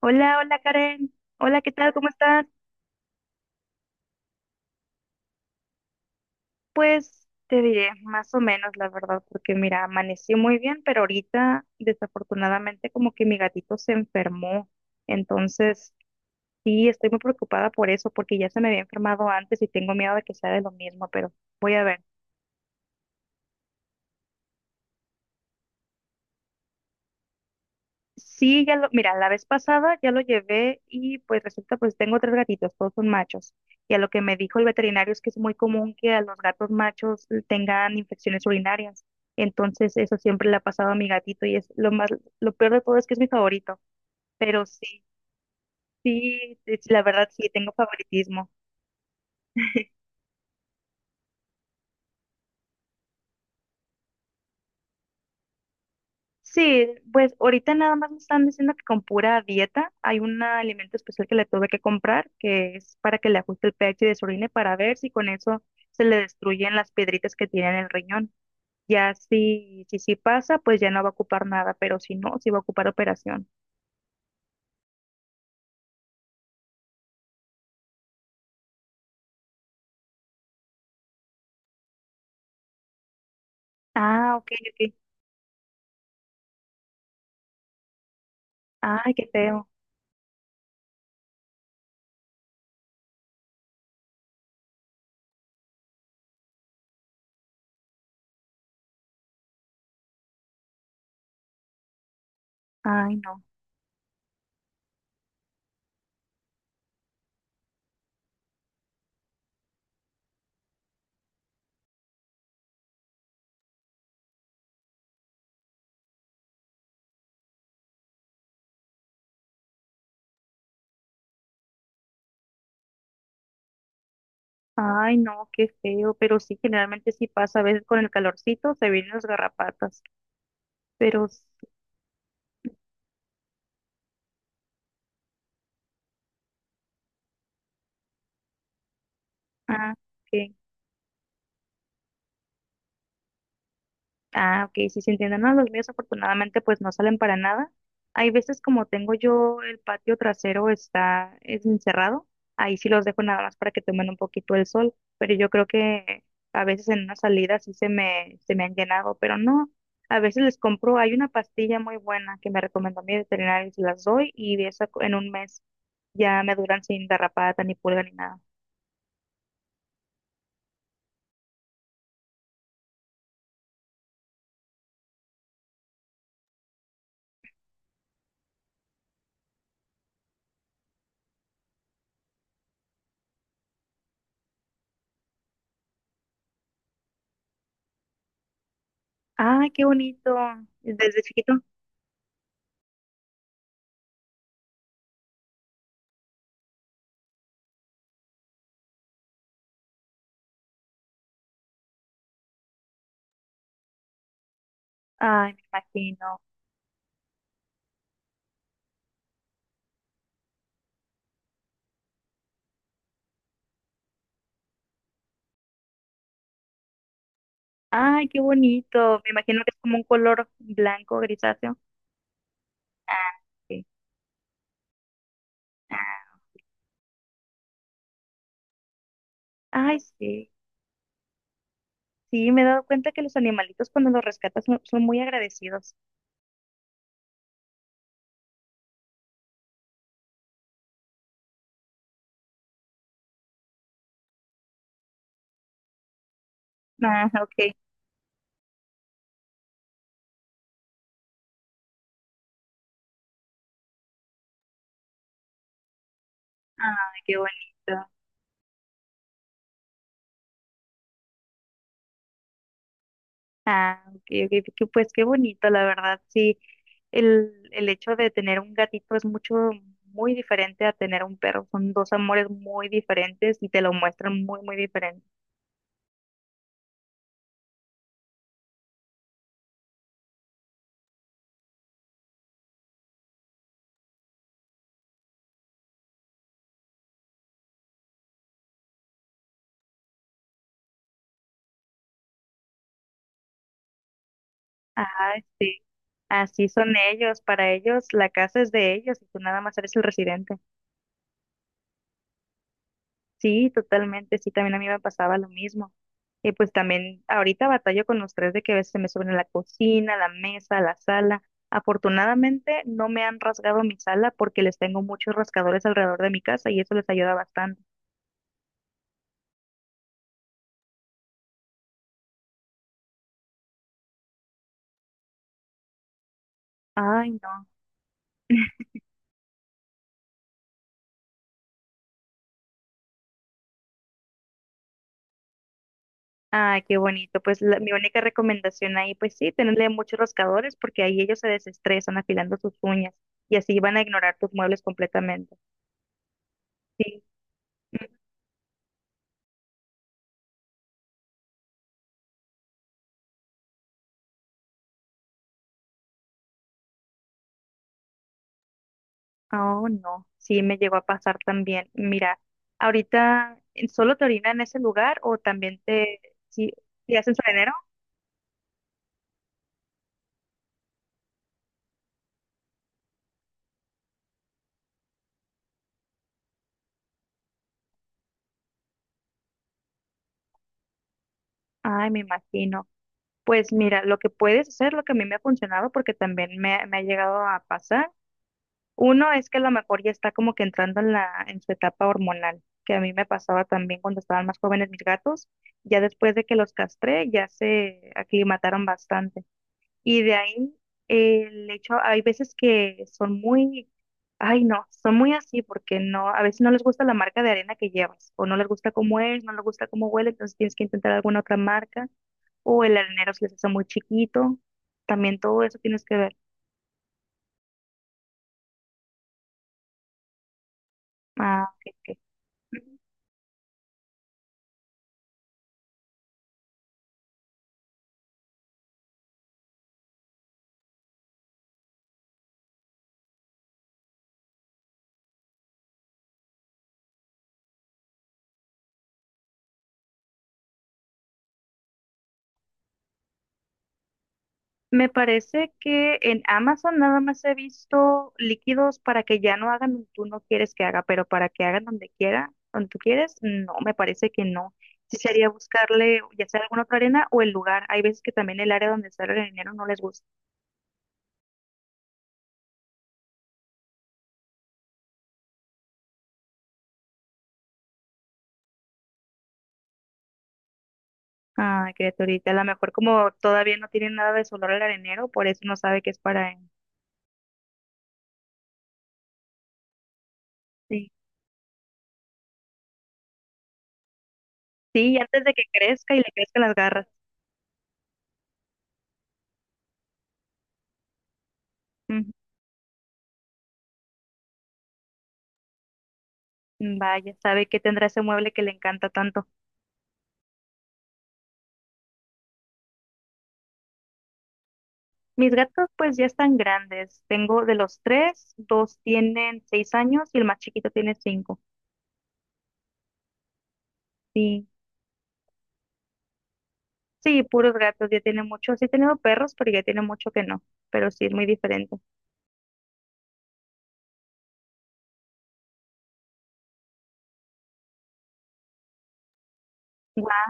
Hola, hola Karen. Hola, ¿qué tal? ¿Cómo estás? Pues te diré, más o menos, la verdad, porque mira, amaneció muy bien, pero ahorita desafortunadamente como que mi gatito se enfermó. Entonces, sí, estoy muy preocupada por eso, porque ya se me había enfermado antes y tengo miedo de que sea de lo mismo, pero voy a ver. Sí, mira, la vez pasada ya lo llevé y pues resulta, pues tengo tres gatitos, todos son machos. Y a lo que me dijo el veterinario es que es muy común que a los gatos machos tengan infecciones urinarias. Entonces, eso siempre le ha pasado a mi gatito y es lo peor de todo es que es mi favorito. Pero sí, sí, la verdad sí, tengo favoritismo. Sí, pues ahorita nada más me están diciendo que con pura dieta hay un alimento especial que le tuve que comprar, que es para que le ajuste el pH de su orina para ver si con eso se le destruyen las piedritas que tiene en el riñón. Ya si pasa, pues ya no va a ocupar nada, pero si no, sí va a ocupar operación. Ah, ok, ok. Ay, qué feo. Ay, no. Ay, no, qué feo. Pero sí, generalmente sí pasa. A veces con el calorcito se vienen las garrapatas. Pero, sí. Ah, ok. Ah, ok, sí se entienden. No, los míos afortunadamente pues no salen para nada. Hay veces como tengo yo el patio trasero está es encerrado, ahí sí los dejo nada más para que tomen un poquito el sol, pero yo creo que a veces en una salida sí se me han llenado, pero no, a veces les compro, hay una pastilla muy buena que me recomendó mi veterinario y se las doy y de eso en un mes ya me duran sin garrapata ni pulga ni nada. Ay, qué bonito, desde chiquito. Ay, me imagino. Ay, qué bonito. Me imagino que es como un color blanco, grisáceo. Ah, sí. Ay, sí. Sí, me he dado cuenta que los animalitos cuando los rescatas son muy agradecidos. Ah, ok. Ay, qué bonito. Ah, ok, ok, pues qué bonito, la verdad. Sí, el hecho de tener un gatito es muy diferente a tener un perro. Son dos amores muy diferentes y te lo muestran muy, muy diferente. Ah, sí. Así son ellos, para ellos la casa es de ellos y tú nada más eres el residente. Sí, totalmente, sí, también a mí me pasaba lo mismo. Y pues también ahorita batallo con los tres de que a veces se me suben a la cocina, a la mesa, a la sala. Afortunadamente no me han rasgado mi sala porque les tengo muchos rascadores alrededor de mi casa y eso les ayuda bastante. Ay, no. Ay, qué bonito. Pues mi única recomendación ahí, pues sí, tenerle muchos rascadores porque ahí ellos se desestresan afilando sus uñas y así van a ignorar tus muebles completamente. Sí, oh, no, sí me llegó a pasar también. Mira, ahorita solo te orina en ese lugar o también te, si, si hacen solenero. Ay, me imagino. Pues mira, lo que puedes hacer, lo que a mí me ha funcionado, porque también me ha llegado a pasar, uno es que a lo mejor ya está como que entrando en en su etapa hormonal, que a mí me pasaba también cuando estaban más jóvenes mis gatos, ya después de que los castré, ya se aclimataron bastante. Y de ahí el hecho, hay veces que son muy, ay no, son muy así porque no, a veces no les gusta la marca de arena que llevas, o no les gusta cómo es, no les gusta cómo huele, entonces tienes que intentar alguna otra marca, o el arenero se les hace muy chiquito, también todo eso tienes que ver. Ah, ok, ok. Me parece que en Amazon nada más he visto líquidos para que ya no hagan donde tú no quieres que haga, pero para que hagan donde quiera, donde tú quieres, no, me parece que no. Sí sería buscarle ya sea alguna otra arena o el lugar. Hay veces que también el área donde está el arenero no les gusta. Ay, criaturita, a lo mejor como todavía no tienen nada de su olor al arenero, por eso no sabe que es para él. Sí, sí, y antes de que crezca y le crezcan las garras. Ujú. Vaya, sabe que tendrá ese mueble que le encanta tanto. Mis gatos pues ya están grandes. Tengo de los tres, dos tienen 6 años y el más chiquito tiene 5. Sí, sí, puros gatos, ya tiene mucho. Sí he tenido perros, pero ya tiene mucho que no. Pero sí, es muy diferente. Guau.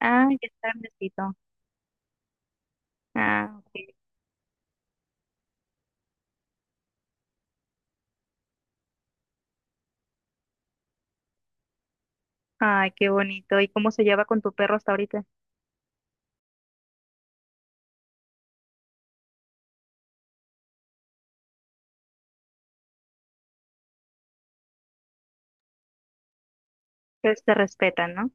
Ah, ya está grandecito. Ah, ok. Ay, qué bonito. ¿Y cómo se lleva con tu perro hasta ahorita? Pues te respetan, ¿no?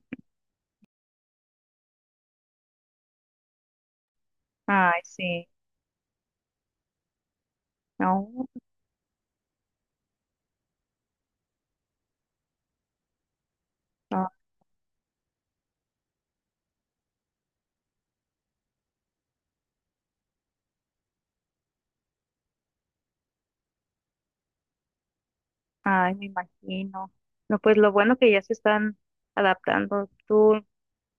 Ay, sí. No, no. Ay, me imagino. No, pues lo bueno que ya se están adaptando. ¿Tú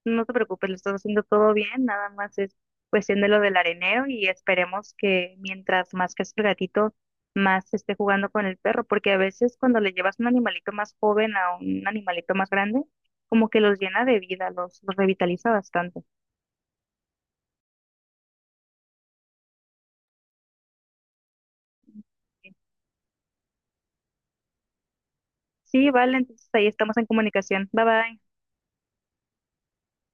No te preocupes, lo estás haciendo todo bien, nada más es cuestión de lo del arenero y esperemos que mientras más crezca el gatito, más esté jugando con el perro, porque a veces cuando le llevas un animalito más joven a un animalito más grande, como que los llena de vida, los revitaliza bastante. Sí, vale, entonces ahí estamos en comunicación. Bye bye.